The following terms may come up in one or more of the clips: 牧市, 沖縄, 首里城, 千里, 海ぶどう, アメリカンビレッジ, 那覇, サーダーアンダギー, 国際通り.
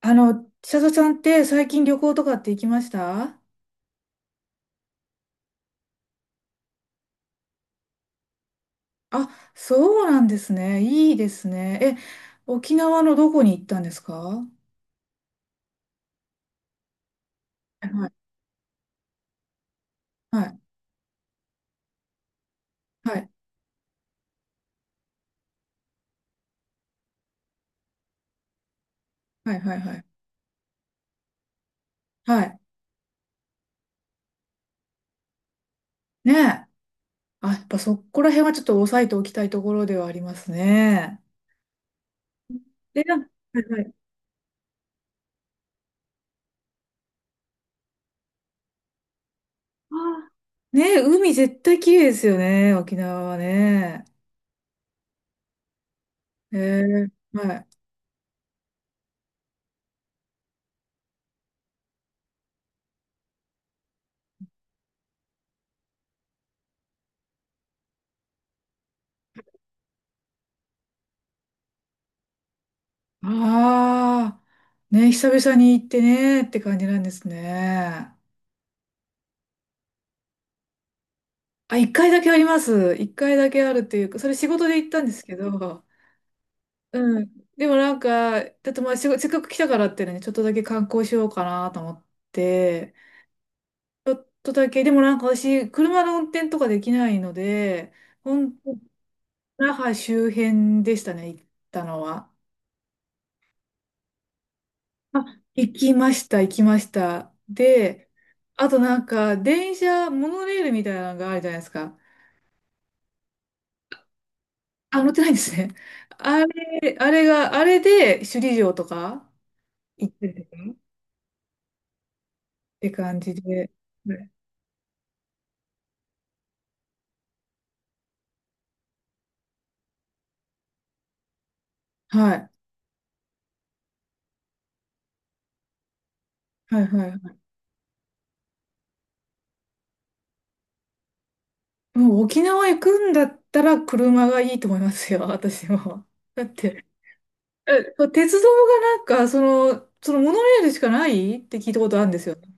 千里ちゃんって最近旅行とかって行きました？あ、そうなんですね。いいですね。沖縄のどこに行ったんですか？はいはいはいはいはいはいはい。ねえ。あ、やっぱそこら辺はちょっと押さえておきたいところではありますね。で、なんか、はいはい。あーねえ、海絶対綺麗ですよね、沖縄はね。えはい。ああ、ねえ、久々に行ってねって感じなんですね。あ、一回だけあります。一回だけあるっていうか、それ仕事で行ったんですけど、うん。でもなんか、だってまあ、仕事せっかく来たからってね、ちょっとだけ観光しようかなと思って、ちょっとだけ、でもなんか私、車の運転とかできないので、本当、那覇周辺でしたね、行ったのは。あ、行きました、行きました。で、あとなんか、電車、モノレールみたいなのがあるじゃないですか。あ、乗ってないんですね。あれ、あれが、あれで首里城とか行ってるって感じで、はいはい、はい、はい。もう沖縄行くんだったら車がいいと思いますよ、私も。だって、鉄道がなんか、その、そのモノレールしかないって聞いたことあるんですよね。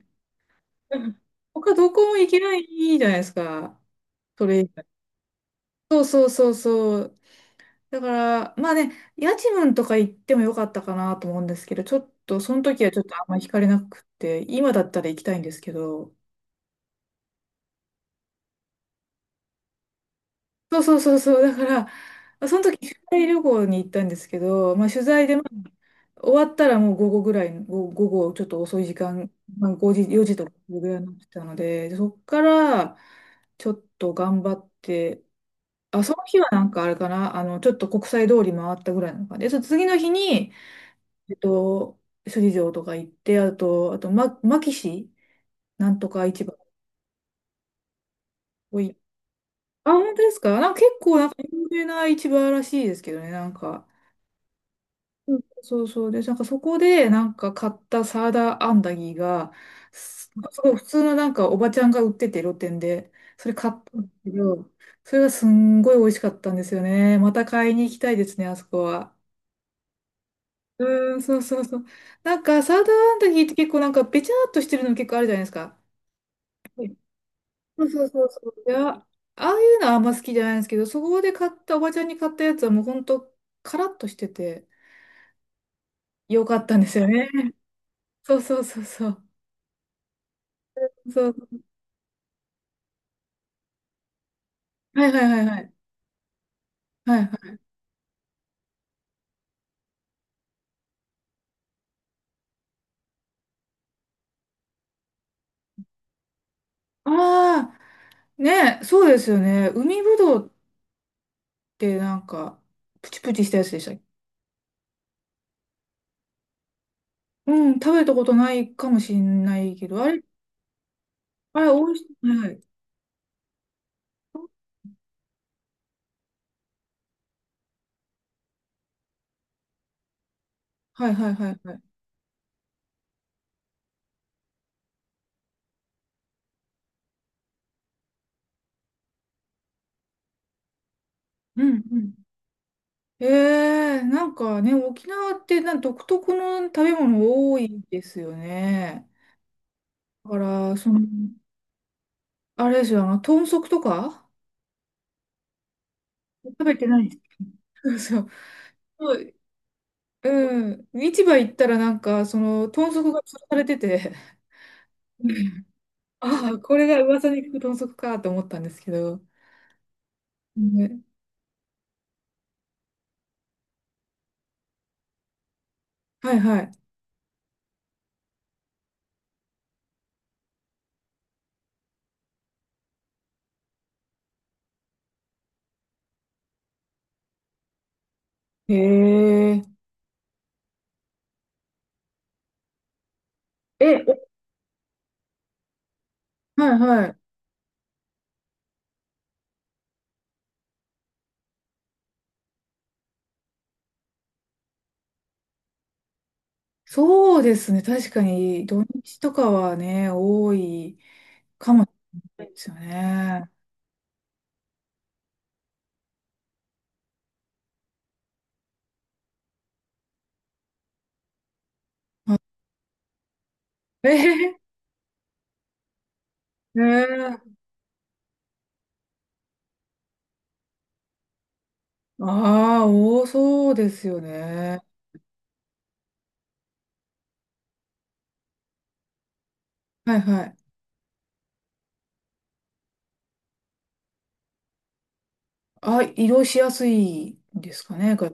うん、他どこも行けないじゃないですか、それ以外。そうそうそうそう。だから、まあね、家賃とか行ってもよかったかなと思うんですけど、ちょっと、その時はちょっとあんまり惹かれなくて、今だったら行きたいんですけど、そうそうそうそう。だから、その時、取材旅行に行ったんですけど、まあ、取材で、まあ、終わったらもう午後ぐらい、午後ちょっと遅い時間、まあ、5時、4時とかぐらいになってたので、そっから、ちょっと頑張って、あ、その日はなんかあれかな、あの、ちょっと国際通り回ったぐらいなのかな。で、その次の日に、えっと、首里城とか行って、あと、あと、ま、牧市なんとか市場。おい。あ、本当ですか？なんか結構なんか有名な市場らしいですけどね、なんか。うん、そうそう。で、なんかそこでなんか買ったサーダーアンダギーが、すすごい普通のなんかおばちゃんが売ってて露店で、それ買ったんですけど、それがすんごい美味しかったんですよね。また買いに行きたいですね、あそこは。うーん、そうそうそう。なんかサーダーアンダギーって結構なんかべちゃーっとしてるの結構あるじゃないですか。はい、そうそうそうそう。いや、ああいうのはあんま好きじゃないんですけど、そこで買ったおばちゃんに買ったやつはもうほんとカラッとしててよかったんですよね。そうそうそうそう。そう、はいはいはいはい。はいはい。ああ、ね、そうですよね。海ぶどうってなんか、プチプチしたやつでしたっけ？うん、食べたことないかもしれないけど、あれ、あれ、美味しい。はい。はいはいはいはい。うんうん。ええ、なんかね、沖縄ってなん独特の食べ物多いですよね。だから、その、あれですよ、あの、豚足とか食べてないです、そうそう。そう、うん。市場行ったらなんか、その、豚足が吊るされてて、ああ、これが噂に聞く豚足かと思ったんですけど。ね、はいはい。へえ。え、はいはい。そうですね。確かに土日とかはね、多いかもしれないですよね。あ、えへへ、ねえ。ああ、多そうですよね。はいはい。あ、移動しやすいんですかね、方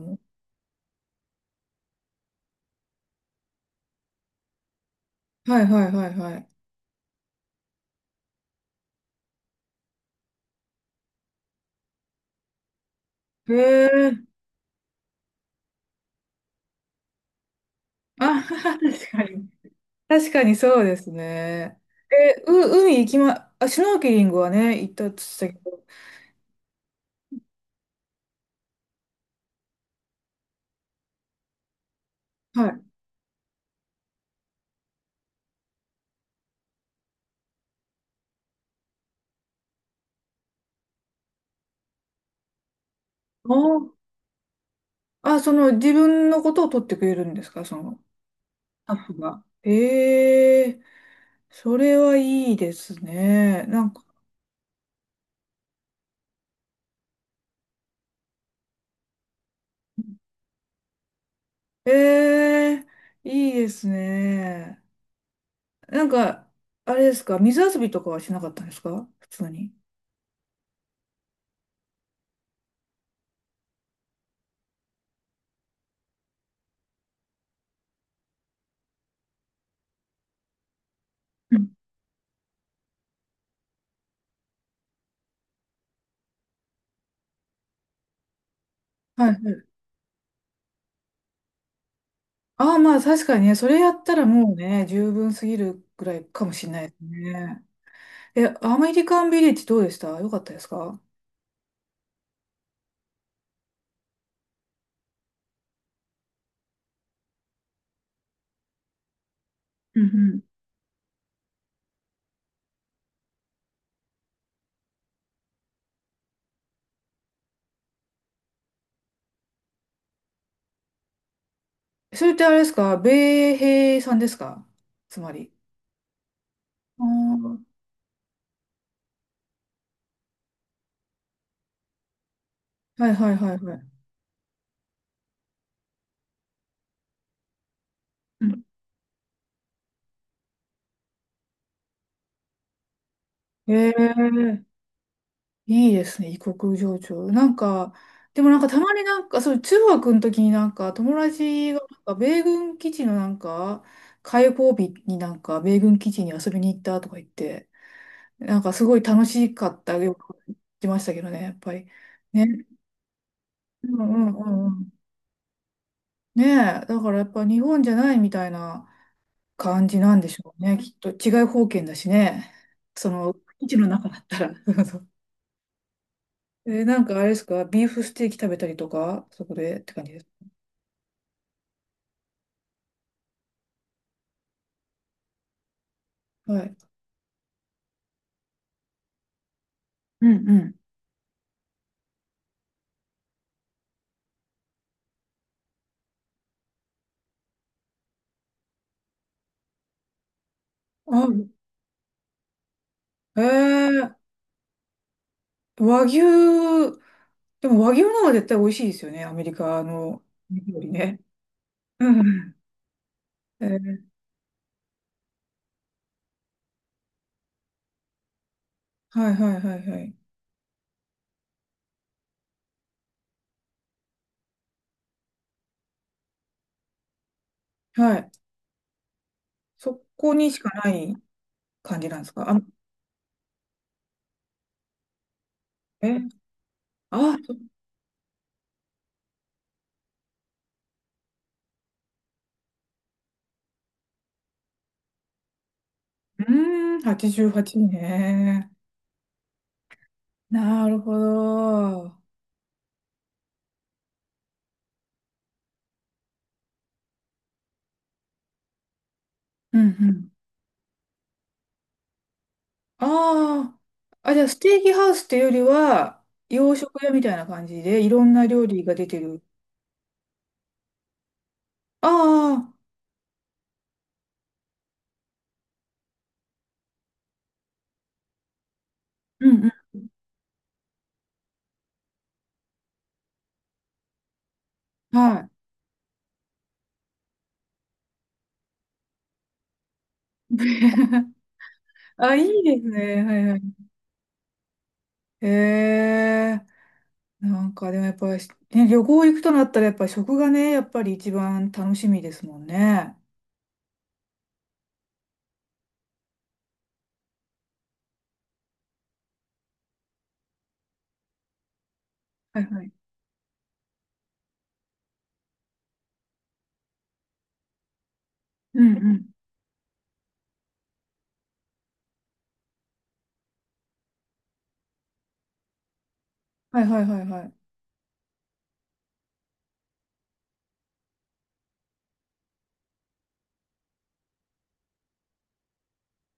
も。はいはいはいはい。へえ。あ、確かに。確かにそうですね。え、う、海行きま、あ、シュノーケリングはね、行ったって言ってたけど。はい。ああ、その自分のことを取ってくれるんですか、その、スタッフが。ええ、それはいいですね。なんか、ええ、いいですね。なんか、あれですか、水遊びとかはしなかったんですか、普通に。うん、はいはい。ああ、まあ確かにね、それやったらもうね、十分すぎるぐらいかもしれないですね。え、アメリカンビレッジどうでした？よかったですか？うんうん。それってあれですか？米兵さんですか、つまり。ああ、はいはいはいはい。うん。ええ、いいですね、異国情緒。なんか、でもなんかたまになんか、そう、中学の時になんか友達がなんか米軍基地のなんか、開放日になんか米軍基地に遊びに行ったとか言って、なんかすごい楽しかったよく言ってましたけどね、やっぱり。ね。うんうんうん。ねえ、だからやっぱ日本じゃないみたいな感じなんでしょうね。きっと違い方圏だしね。その、基地の中だったら。そうそう。え、なんかあれですか、ビーフステーキ食べたりとか、そこでって感じです。はい。うんうん。あ、えー、和牛、でも和牛の方が絶対美味しいですよね、アメリカの料理ね。うんうん。えー、はいはいはいはい。はい。そこにしかない感じなんですか？あ、え、あ、うーん、88ね。なるほど。うんうん。ああ。あ、じゃあ、ステーキハウスっていうよりは、洋食屋みたいな感じで、いろんな料理が出てる。ああ。うんうん。はい。あ、いいですね。はいはい。へえ。なんか、でもやっぱり、ね、旅行行くとなったら、やっぱり食がね、やっぱり一番楽しみですもんね。はいはい。うんうん。はいはいはいはい。